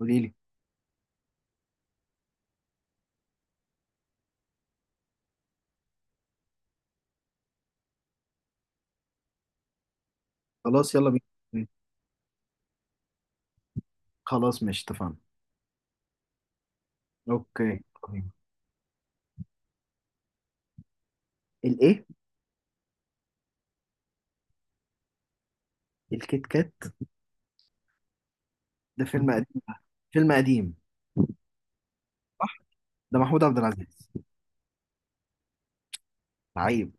قولي لي. خلاص يلا بينا. خلاص ماشي اتفقنا. اوكي طيب. الايه؟ الكيت كات. ده فيلم قديم. فيلم قديم. صح. ده محمود عبد العزيز. عيب.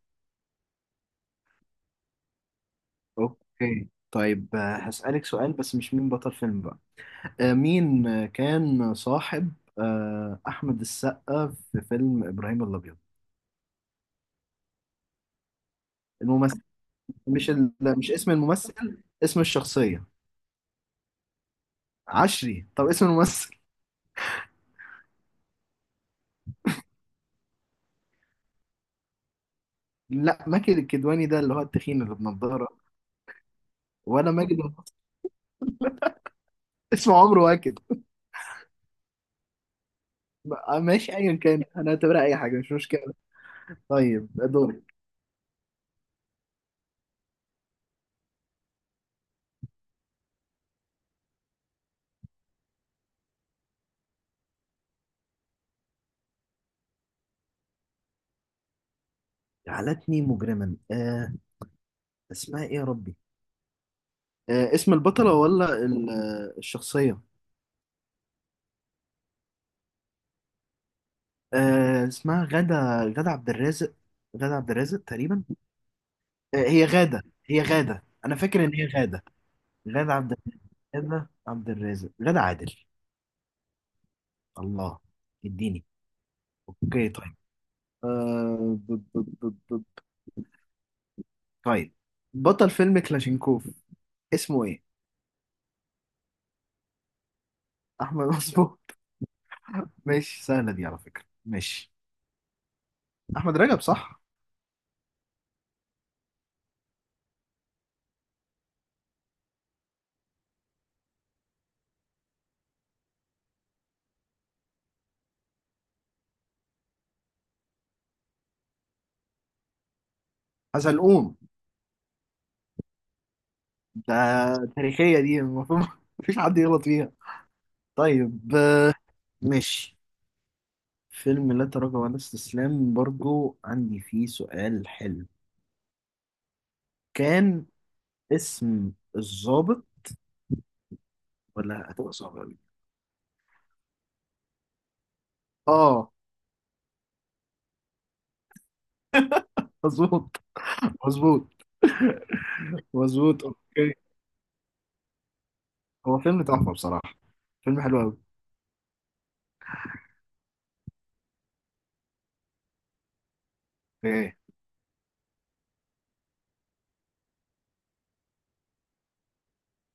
اوكي طيب، هسألك سؤال بس مش مين بطل فيلم بقى. مين، كان صاحب احمد السقا في فيلم ابراهيم الابيض؟ الممثل. مش ال... لا، مش اسم الممثل، اسم الشخصية. عشري. طب اسم الممثل؟ لا، ماجد الكدواني ده اللي هو التخين اللي بنضاره. ولا ماجد الكدواني. اسمه عمرو واكد. ماشي، ايا كان انا اعتبرها اي حاجه مش مشكله. طيب دوري. جعلتني مجرما، اسمها ايه يا ربي؟ اسم البطله ولا الشخصيه؟ اسمها غادة. غادة عبد الرازق. غادة عبد الرازق تقريبا. هي غادة، هي غادة، انا فاكر ان هي غادة. غادة عبد الرازق. غادة عبد الرازق، غادة عادل. الله. اديني. اوكي طيب. آه ب- ب- ب- ب- طيب، بطل فيلم كلاشينكوف اسمه ايه؟ احمد. مظبوط. ماشي، سهلة دي على فكرة. ماشي. أحمد رجب صح. حزلقوم. ده تاريخية دي المفروض مفيش حد يغلط فيها. طيب. ماشي. فيلم لا تراجع ولا استسلام برضو عندي فيه سؤال حلو. كان اسم الضابط، ولا هتبقى صعبة أوي؟ آه مظبوط. مظبوط. مظبوط أوكي. هو فيلم تحفة بصراحة. فيلم حلو أوي. إيه؟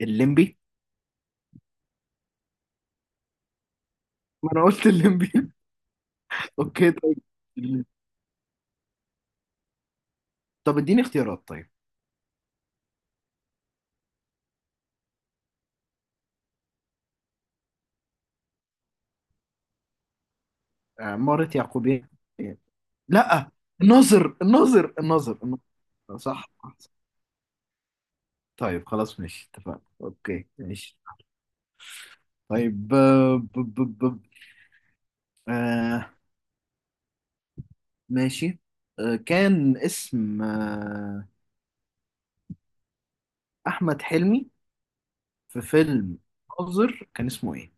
الليمبي. ما أنا قلت الليمبي. أوكي طيب. طب اديني اختيارات طيب. مارة يعقوبيان. لا، الناظر، الناظر، الناظر، الناظر. صح. صح. طيب خلاص ماشي اتفقنا. اوكي ماشي. طيب، آه، ب ب ب آه ماشي. كان اسم احمد حلمي في فيلم ناظر كان اسمه ايه؟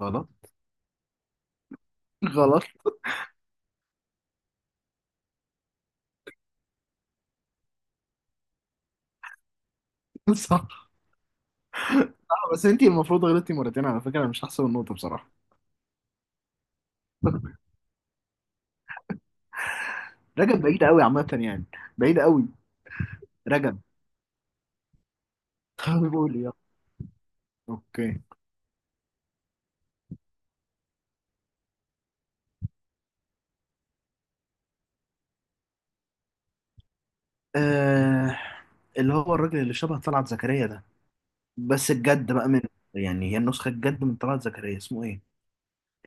غلط. غلط. صح. بس انتي المفروض غلطتي مرتين على فكرة، انا مش هحسب النقطة بصراحة. رجب بعيد قوي عامة يعني. بعيد قوي. رجب. طيب قولي يلا. اوكي. آه اللي هو الراجل اللي شبه طلعت زكريا ده، بس الجد بقى منه. يعني هي النسخة الجد من طلعت زكريا. اسمه ايه؟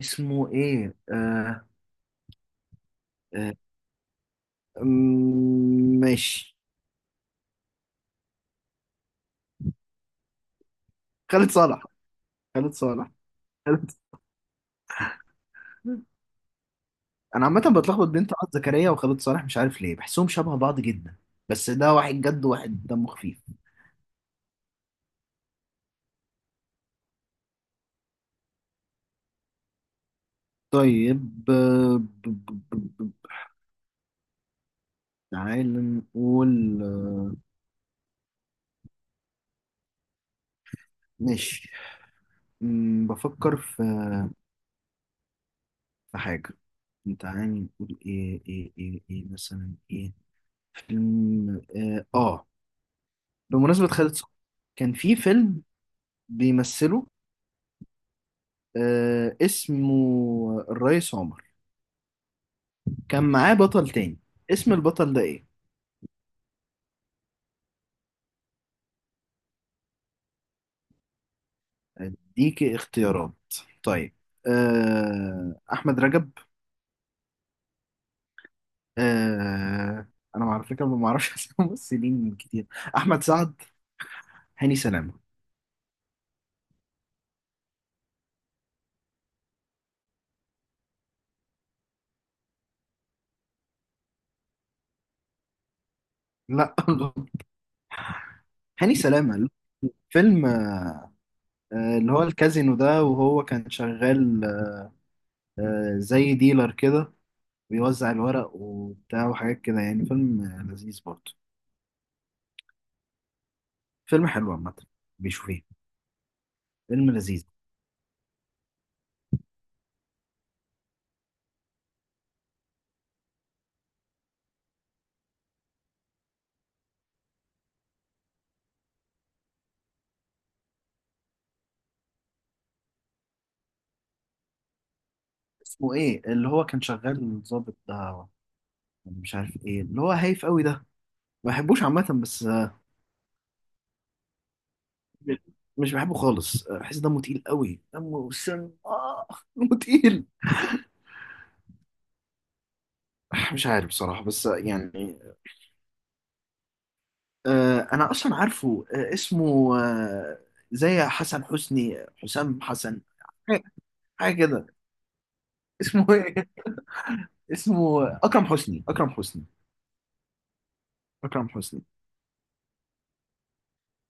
اسمه ايه؟ آه آه أمم، ماشي. خالد صالح. خالد صالح. خالد. انا عامة بتلخبط بين طلعت زكريا وخالد صالح، مش عارف ليه. بحسهم شبه بعض جدا. بس ده واحد جد وواحد دمه خفيف. طيب، تعال نقول ماشي. بفكر في حاجة. تعالي نقول ايه ايه ايه ايه مثلا ايه. فيلم بمناسبة خالد صالح، كان في فيلم بيمثله، اسمه الريس عمر. كان معاه بطل تاني، اسم البطل ده ايه؟ اديك اختيارات طيب. احمد رجب. آه انا على فكرة ما بعرفش اسامي ممثلين كتير. احمد سعد. هاني سلامة. لا. هاني سلامة. فيلم اللي هو الكازينو ده وهو كان شغال زي ديلر كده، بيوزع الورق وبتاع وحاجات كده يعني. فيلم لذيذ برضه. فيلم حلو عامة. بيشوفيه. فيلم لذيذ. اسمه ايه اللي هو كان شغال ضابط ده؟ مش عارف ايه اللي هو هايف قوي ده. ما بحبوش عامة بس مش بحبه خالص. بحس دمه تقيل قوي، دمه سم دمه تقيل. مش عارف بصراحة بس يعني. انا اصلا عارفه، اسمه، زي حسن حسني، حسام حسن، حاجه، حاجة كده. اسمه ايه؟ اسمه اكرم حسني. اكرم حسني. اكرم حسني.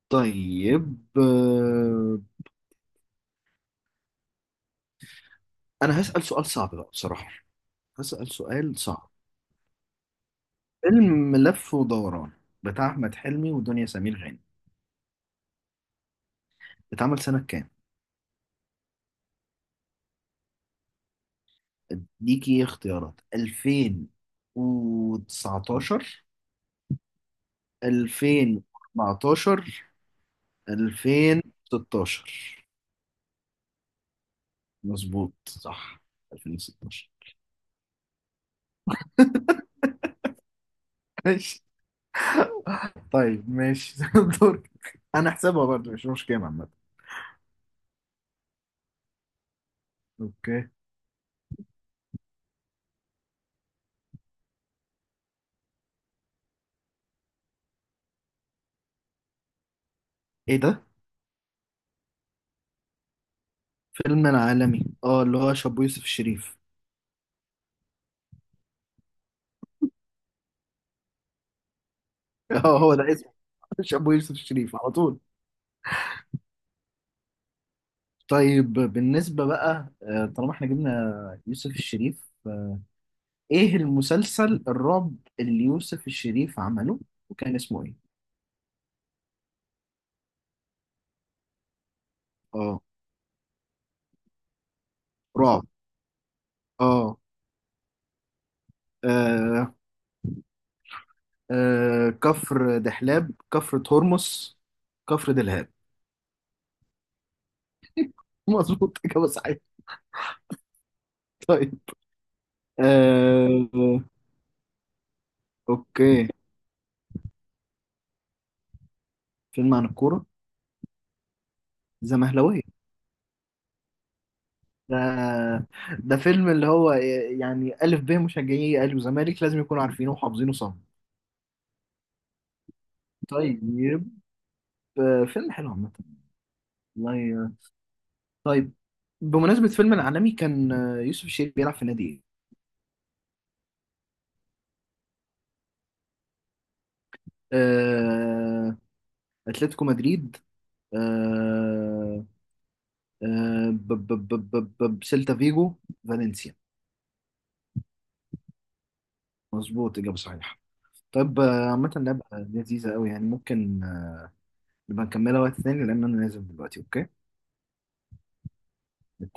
طيب، انا هسأل سؤال صعب بقى بصراحه. هسأل سؤال صعب. فيلم لف ودوران بتاع احمد حلمي ودنيا سمير غانم، اتعمل سنه كام؟ اديكي اختيارات: 2019، 2014، 2016. مظبوط صح، 2016. ماشي. طيب ماشي. دورك. انا احسبها برضه، مش مشكلة عامة. اوكي. ايه ده؟ فيلم العالمي. اه، اللي هو شابو يوسف الشريف. اه، هو ده اسمه. شابو يوسف الشريف على طول. طيب بالنسبة بقى، طالما احنا جبنا يوسف الشريف، ايه المسلسل الرعب اللي يوسف الشريف عمله وكان اسمه ايه؟ اه. رعب. اه. آه، كفر دحلاب، كفر هرمس، كفر دلهاب. مظبوط، إجابة صحيحة. طيب. آه أوكي. فيلم عن الكورة. زمهلوية. ده ده فيلم اللي هو، يعني، ألف ب مشجعي أهلي وزمالك لازم يكونوا عارفينه وحافظينه صم. طيب. فيلم حلو عامة. والله، طيب. بمناسبة فيلم العالمي، كان يوسف الشريف بيلعب في نادي إيه؟ آه، أتلتيكو مدريد، آه، سيلتا فيجو، فالنسيا. مظبوط، إجابة صحيحة. طيب، عامة لعبة لذيذة أوي يعني، ممكن نبقى نكملها وقت تاني لأن أنا نازل دلوقتي. أوكي؟ اتفقنا.